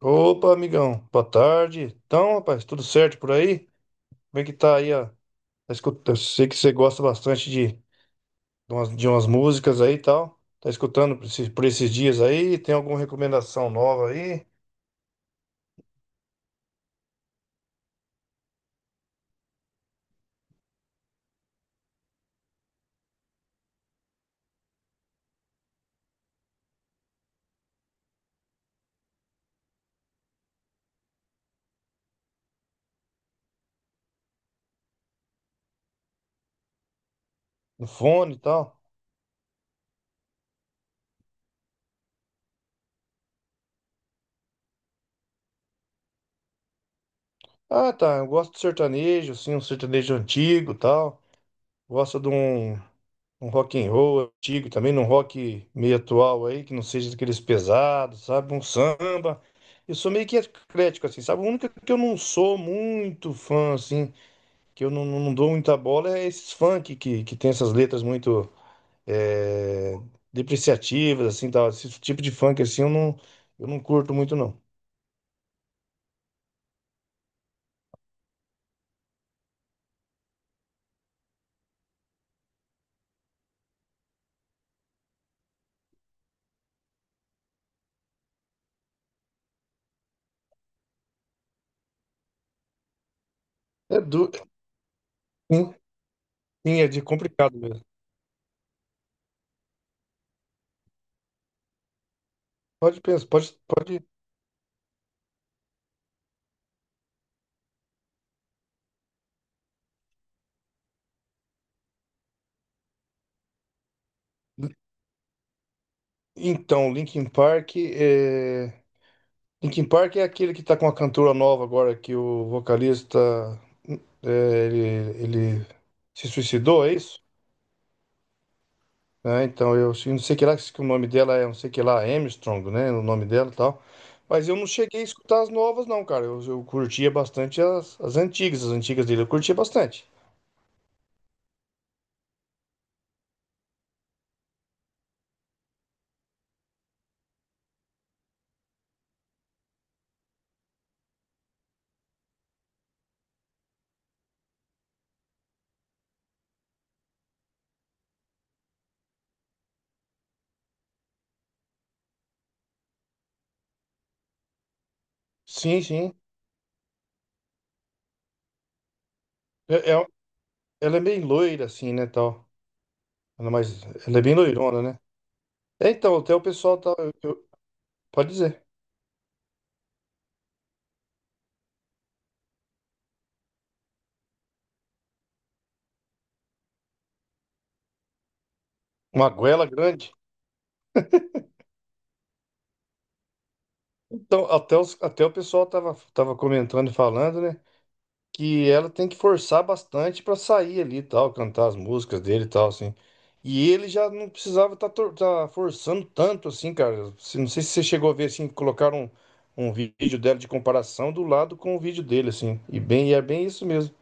Opa, amigão, boa tarde. Então, rapaz, tudo certo por aí? Como é que tá aí, ó? Eu sei que você gosta bastante de umas, de umas músicas aí e tal. Tá escutando por esses dias aí? Tem alguma recomendação nova aí? No fone e tal? Ah, tá. Eu gosto de sertanejo, assim, um sertanejo antigo e tal. Gosto de um. Um rock and roll antigo também, num rock meio atual aí, que não seja daqueles pesados, sabe? Um samba. Eu sou meio que eclético, assim, sabe? O único que eu não sou muito fã, assim, que eu não, não dou muita bola é esses funk que tem essas letras muito é, depreciativas, assim, tal. Esse tipo de funk, assim, eu não curto muito, não. É duro, sim, sim, é de complicado mesmo. Pode pensar, pode, pode. Então, Linkin Park é. Linkin Park é aquele que tá com a cantora nova agora, que o vocalista é, ele, ele se suicidou, é isso? Né? Então não sei que lá que o nome dela é, não sei que lá, Armstrong, né? O nome dela e tal. Mas eu não cheguei a escutar as novas, não, cara. Eu curtia bastante as, as antigas dele, eu curtia bastante. Sim, sim. É- é- ela é bem loira, assim, né, tal. Ela é bem loirona, né? É, então, até o pessoal tá. Pode dizer. Uma goela grande. Então, até, até o pessoal tava, tava comentando e falando, né? Que ela tem que forçar bastante pra sair ali e tal, cantar as músicas dele e tal, assim. E ele já não precisava tá, tá forçando tanto, assim, cara. Não sei se você chegou a ver, assim, colocaram um vídeo dela de comparação do lado com o vídeo dele, assim. E é bem isso mesmo.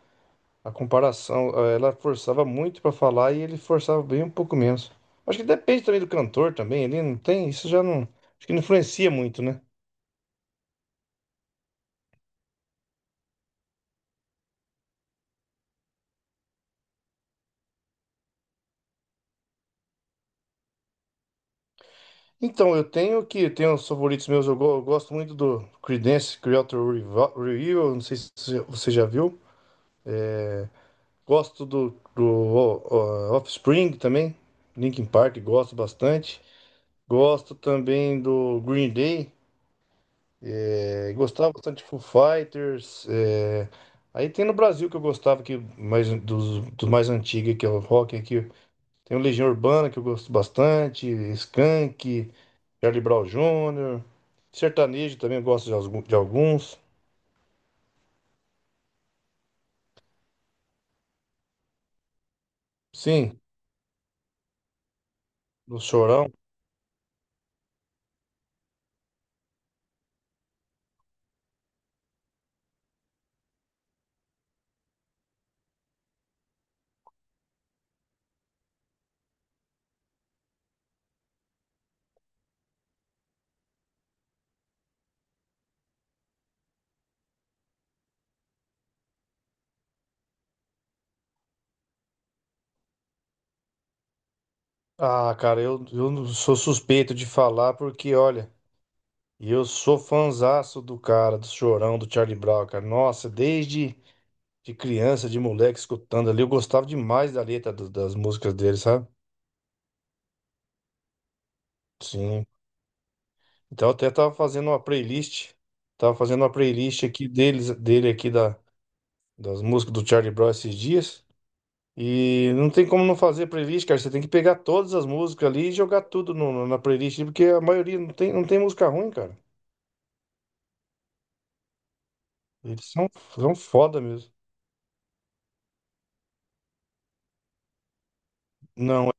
A comparação, ela forçava muito pra falar e ele forçava bem um pouco menos. Acho que depende também do cantor também, ele não tem, isso já não, acho que não influencia muito, né? Então, eu tenho os favoritos meus, eu gosto muito do Creedence Clearwater Revival, Revival, não sei se você já viu. Gosto do Offspring também, Linkin Park, gosto bastante. Gosto também do Green Day, é, gostava bastante de Foo Fighters. É. Aí tem no Brasil que eu gostava, que mais, dos, dos mais antigos, que é o rock aqui. Tem o Legião Urbana, que eu gosto bastante, Skank. Charlie Brown Jr., sertanejo também eu gosto de de alguns. Sim, do Chorão. Ah, cara, eu não sou suspeito de falar porque, olha, eu sou fanzaço do cara, do Chorão, do Charlie Brown, cara. Nossa, desde de criança, de moleque, escutando ali, eu gostava demais da letra das músicas dele, sabe? Sim. Então eu até tava fazendo uma playlist, tava fazendo uma playlist aqui deles, dele aqui da, das músicas do Charlie Brown esses dias. E não tem como não fazer playlist, cara. Você tem que pegar todas as músicas ali e jogar tudo na playlist, porque a maioria não tem, não tem música ruim, cara. Eles são, são foda mesmo. Não,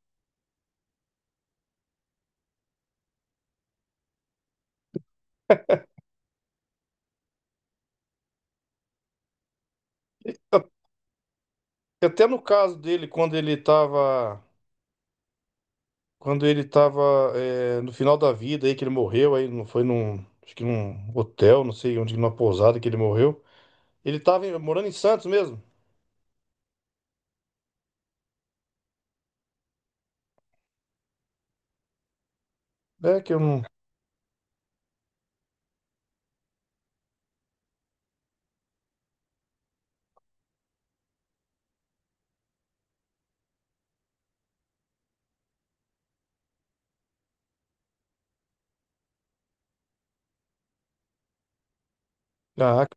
a- até no caso dele, quando ele tava no final da vida aí, que ele morreu, aí não foi num, acho que num hotel, não sei onde, numa pousada que ele morreu. Ele tava morando em Santos mesmo. É que eu não. Ah,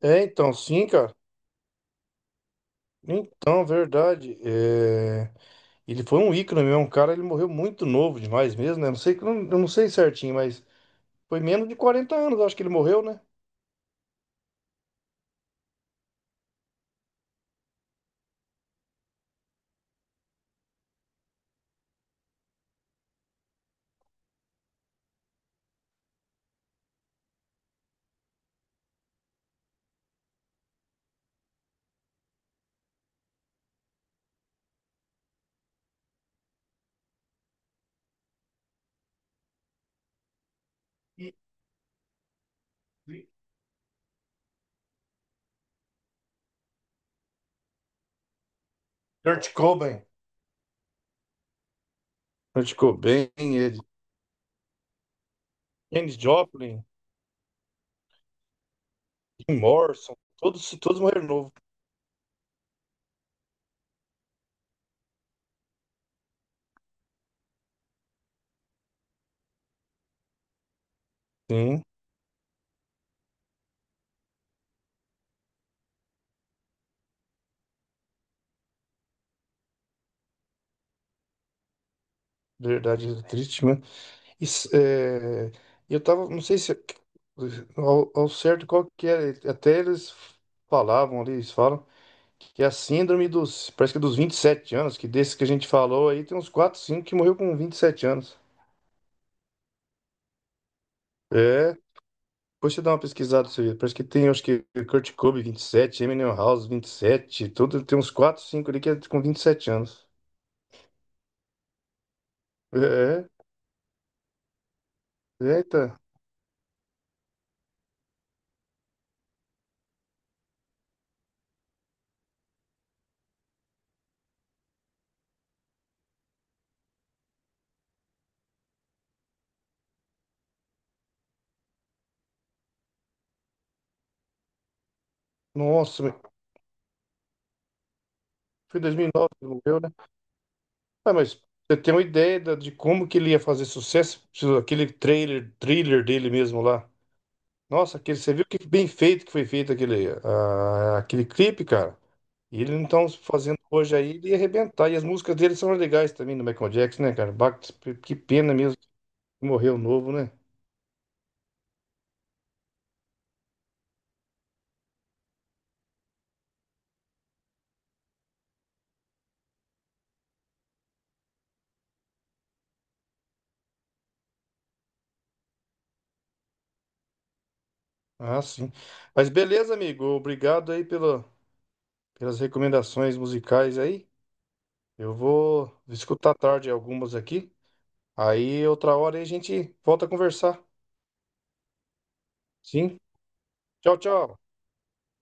é, então, sim, cara. Então, verdade. É. Ele foi um ícone mesmo, um cara, ele morreu muito novo demais mesmo, né? Não sei, eu não sei certinho, mas foi menos de 40 anos, acho que ele morreu, né? Kurt Cobain. Kurt Cobain, ele, Janis Joplin, Jim Morrison, todos, todos morreram novo. Sim, verdade, é triste, né? Isso, é, eu tava, não sei se ao certo qual que era, até eles falavam ali, eles falam que é a síndrome dos, parece que é dos 27 anos, que desses que a gente falou aí, tem uns 4 5 que morreu com 27 anos. É, depois você dá uma pesquisada, você vê. Parece que tem, acho que Kurt Cobain, 27 Eminem House, 27 tudo, tem uns 4 5 ali que é com 27 anos. É, é, eita, nossa, mas foi em 2009 que ele morreu, né? Ah, mas você tem uma ideia de como que ele ia fazer sucesso? Aquele trailer, thriller dele mesmo lá. Nossa, aquele, você viu que bem feito que foi feito aquele, ah, aquele clipe, cara? E ele então fazendo hoje aí, ele ia arrebentar. E as músicas dele são legais também, do Michael Jackson, né, cara? Bach, que pena mesmo que morreu novo, né? Ah, sim. Mas beleza, amigo. Obrigado aí pela, pelas recomendações musicais aí. Eu vou escutar à tarde algumas aqui. Aí outra hora aí a gente volta a conversar. Sim. Tchau, tchau.